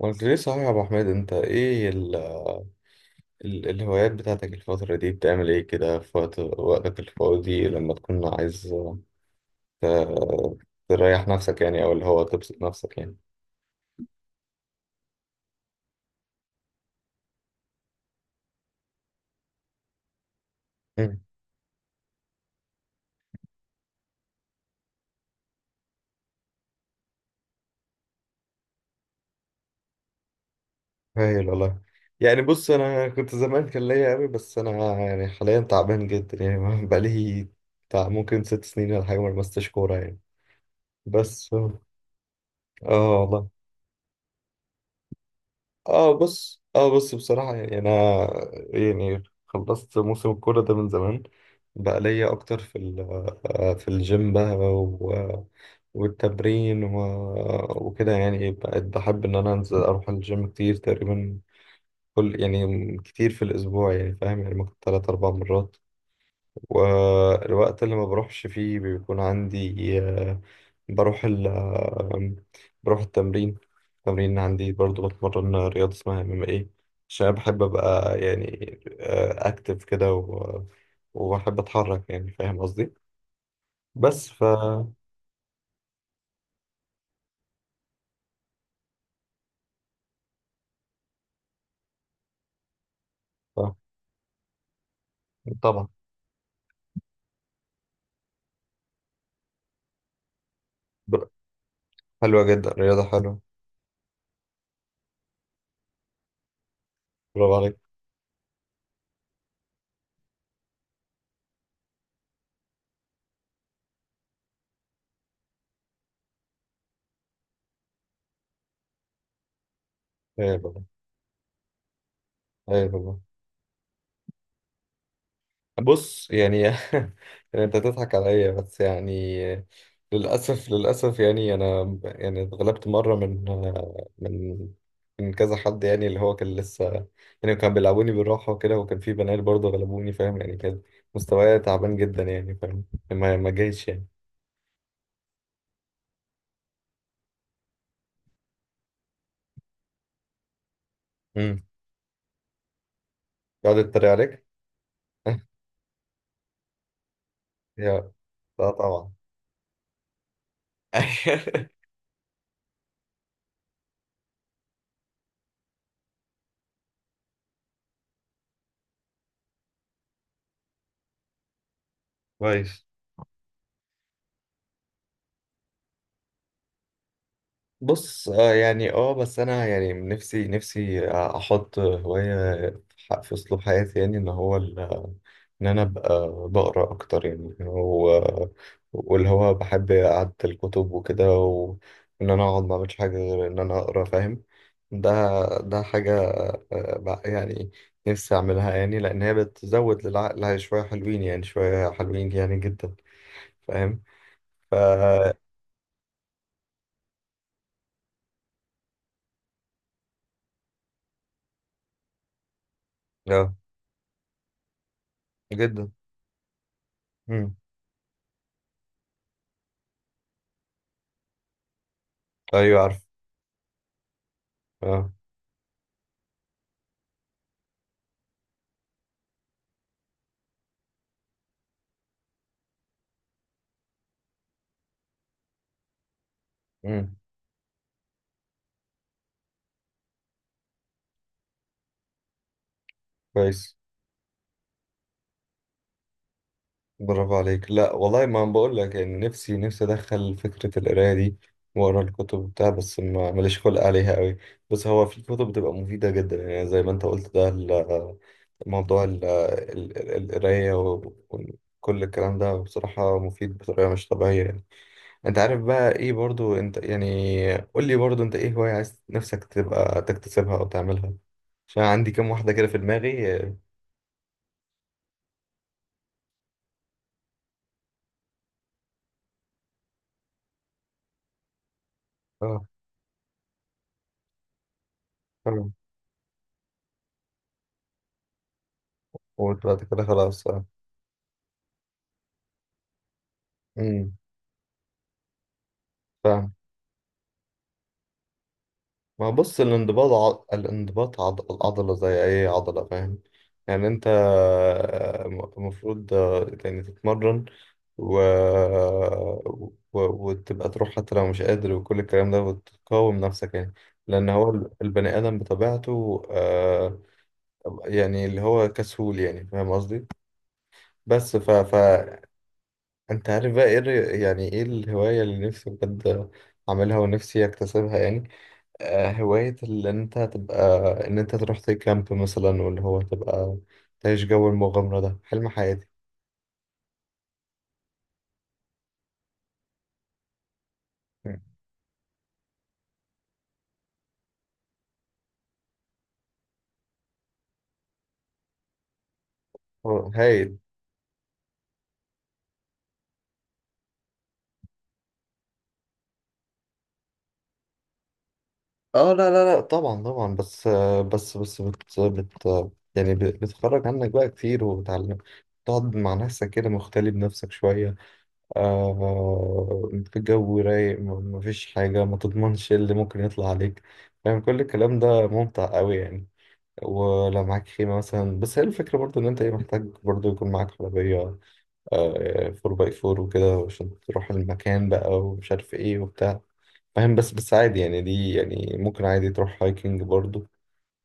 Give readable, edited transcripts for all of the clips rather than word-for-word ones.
ما قلت ليه صحيح يا ابو حميد، انت ايه ال ال الهوايات بتاعتك الفترة دي؟ بتعمل ايه كده في وقتك الفاضي لما تكون عايز ت- تريح نفسك يعني، او اللي هو تبسط نفسك يعني؟ مم. هايل والله. يعني بص، انا كنت زمان كان ليا قوي، بس انا يعني حاليا تعبان جدا يعني بقالي بتاع ممكن 6 سنين ولا حاجة ما لمستش كورة يعني، بس. اه والله. اه بص بصراحة يعني أنا، يعني خلصت موسم الكورة ده من زمان، بقى ليا أكتر في ال- آه، في الجيم بقى، والتمرين وكده يعني، بقيت بحب إن أنا أنزل أروح الجيم كتير، تقريبا كل يعني كتير في الأسبوع يعني، فاهم؟ يعني ممكن 3 4 مرات. والوقت اللي ما بروحش فيه بيكون عندي بروح ال آه، بروح التمرين. التمرين عندي برضو بتمرن رياضة اسمها ام ام ايه عشان أنا بحب ابقى يعني اكتف كده وبحب اتحرك يعني، فاهم قصدي؟ بس ف, ف... طبعا. بر- حلوة جدا، رياضة حلوة. برافو عليك. ايوه بابا. ايوه بابا. بص يعني يعني انت تضحك عليا، بس يعني للاسف للاسف يعني انا يعني اتغلبت مره من من كذا حد، يعني اللي هو كان لسه يعني كان بيلعبوني بالراحه وكده، وكان في بنات برضه غلبوني، فاهم يعني؟ كان مستواي تعبان جدا يعني، فاهم؟ ما جايش يعني. امم يقعد يتريق عليك. يا لا طبعا. كويس. بص يعني، بس انا يعني نفسي احط هواية في اسلوب حياتي، يعني ان هو ان انا ابقى بقرا اكتر يعني، واللي هو بحب قعدة الكتب وكده، وان انا اقعد ما اعملش حاجة غير ان انا اقرا، فاهم؟ ده ده حاجة بقى يعني نفسي اعملها، يعني لان هي بتزود للعقل شوية حلوين يعني، شوية حلوين يعني جدا، فاهم؟ ف مم. آه، جدا. مم. ايوه عارف. اه. امم كويس. برافو عليك. لا والله، ما بقول لك يعني نفسي ادخل فكره القرايه دي واقرا الكتب بتاع، بس ما ماليش خلق عليها قوي. بس هو في كتب بتبقى مفيده جدا، يعني زي ما انت قلت، ده موضوع القرايه وكل الكلام ده بصراحه مفيد بطريقه مش طبيعيه يعني. انت عارف بقى ايه برضو، انت يعني قول لي برضو، انت ايه هوايه عايز نفسك تبقى تكتسبها او تعملها؟ عشان عندي كام واحده كده في دماغي. اه. آه، وبعد كده خلاص. امم فاهم. ما بص، الانضباط العضلة زي أي عضلة، فاهم؟ يعني أنت المفروض يعني تتمرن و... وتبقى تروح حتى لو مش قادر، وكل الكلام ده، وتقاوم نفسك يعني، لأن هو البني آدم بطبيعته يعني اللي هو كسول، يعني فاهم قصدي؟ فأنت عارف بقى إيه يعني إيه الهواية اللي نفسي بجد أعملها ونفسي أكتسبها يعني؟ هواية اللي انت تبقى ان انت تروح تكامب مثلا، واللي هو تبقى تعيش جو المغامرة. ده حلم حياتي. مم. هايل. اه لا لا لا طبعا طبعا، بس آه، بس بس بت, بت يعني بتخرج عنك بقى كتير، وبتعلم تقعد مع نفسك كده، مختلي بنفسك شوية، في جو رايق، مفيش حاجة ما تضمنش إيه اللي ممكن يطلع عليك، يعني كل الكلام ده ممتع قوي يعني. ولا معاك خيمة مثلا؟ بس هي الفكرة برضو إن أنت إيه، محتاج برضو يكون معاك عربية 4×4 وكده عشان تروح المكان بقى، ومش عارف إيه وبتاع، فاهم؟ بس عادي يعني، دي يعني ممكن عادي تروح هايكنج برضو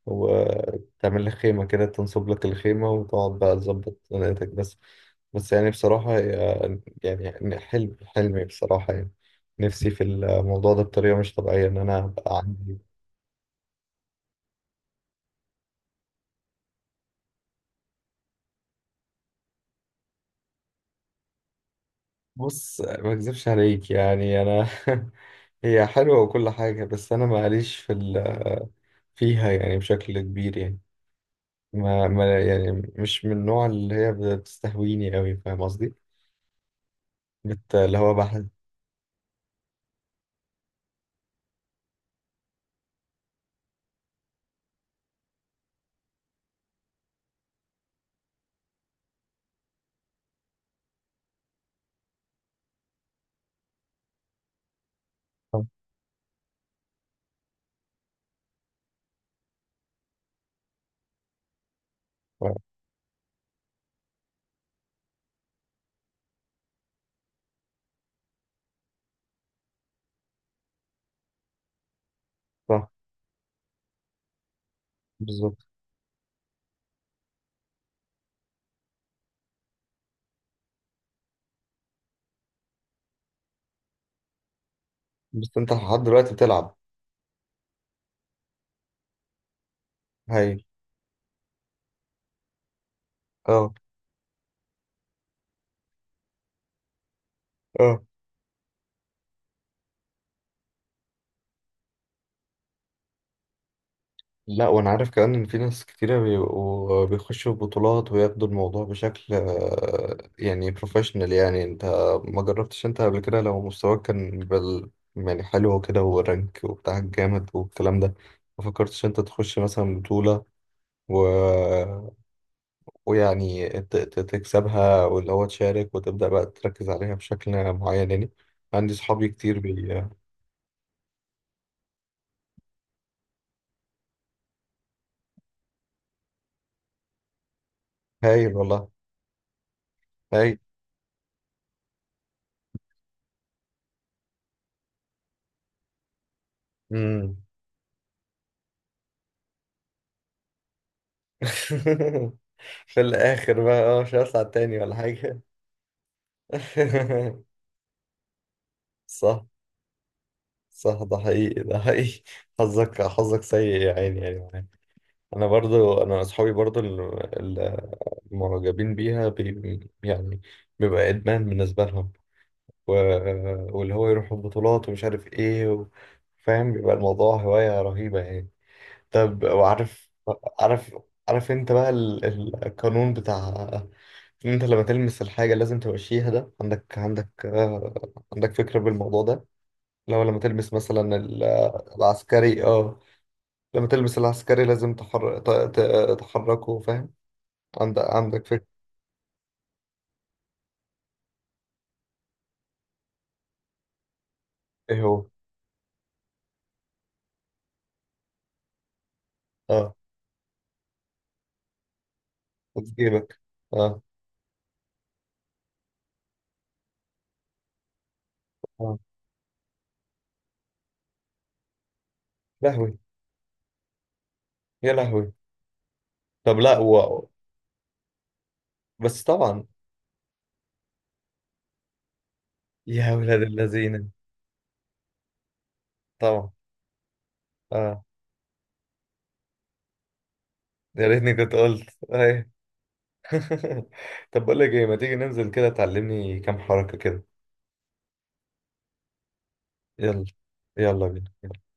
وتعمل لك خيمة كده، تنصب لك الخيمة وتقعد بقى تظبط دنيتك بس يعني بصراحة يعني حلمي بصراحة يعني، نفسي في الموضوع ده بطريقة مش طبيعية إن أنا أبقى عندي. بص، ما أكذبش عليك يعني أنا هي حلوة وكل حاجة، بس أنا معليش فيها يعني بشكل كبير يعني، ما... ما يعني مش من النوع اللي هي بتستهويني أوي، فاهم قصدي؟ اللي هو بحس. صح. صح بالظبط. بس أنت لحد دلوقتي بتلعب؟ هاي. اه. اه لا، وانا عارف كمان ان في ناس كتيرة بيبقوا بيخشوا بطولات وياخدوا الموضوع بشكل يعني بروفيشنال، يعني انت ما جربتش انت قبل كده؟ لو مستواك كان بال، يعني حلو كده ورانك وبتاعك جامد والكلام ده، ما فكرتش انت تخش مثلا بطولة و... ويعني تكسبها، واللي هو تشارك وتبدأ بقى تركز عليها بشكل معين يعني؟ عندي صحابي كتير هايل والله. هايل. مم. في الاخر بقى اه مش هطلع تاني ولا حاجه. صح صح، ده حقيقي ده حقيقي. حظك حظك سيء يا عيني، يعني معايا. انا برضو، انا اصحابي برضو ال- المعجبين بيها يعني بيبقى ادمان بالنسبه لهم، و... واللي هو يروحوا بطولات ومش عارف ايه فاهم؟ بيبقى الموضوع هوايه رهيبه يعني. طب وعارف، عارف عارف انت بقى القانون بتاع ان انت لما تلمس الحاجة لازم تمشيها ده؟ عندك فكرة بالموضوع ده؟ لو لما تلمس مثلا العسكري، اه لما تلمس العسكري لازم تحركه، فاهم؟ عندك فكرة؟ ايه هو؟ اه. وفي جيبك. اه اه. لهوي يا لهوي. طب لا بس طبعا. يا ولاد الذين. طبعا. اه. يا ريتني كنت قلت أيوه. طب بقول لك ايه، ما تيجي ننزل كده تعلمني كام حركة كده. يلا. يلا بينا.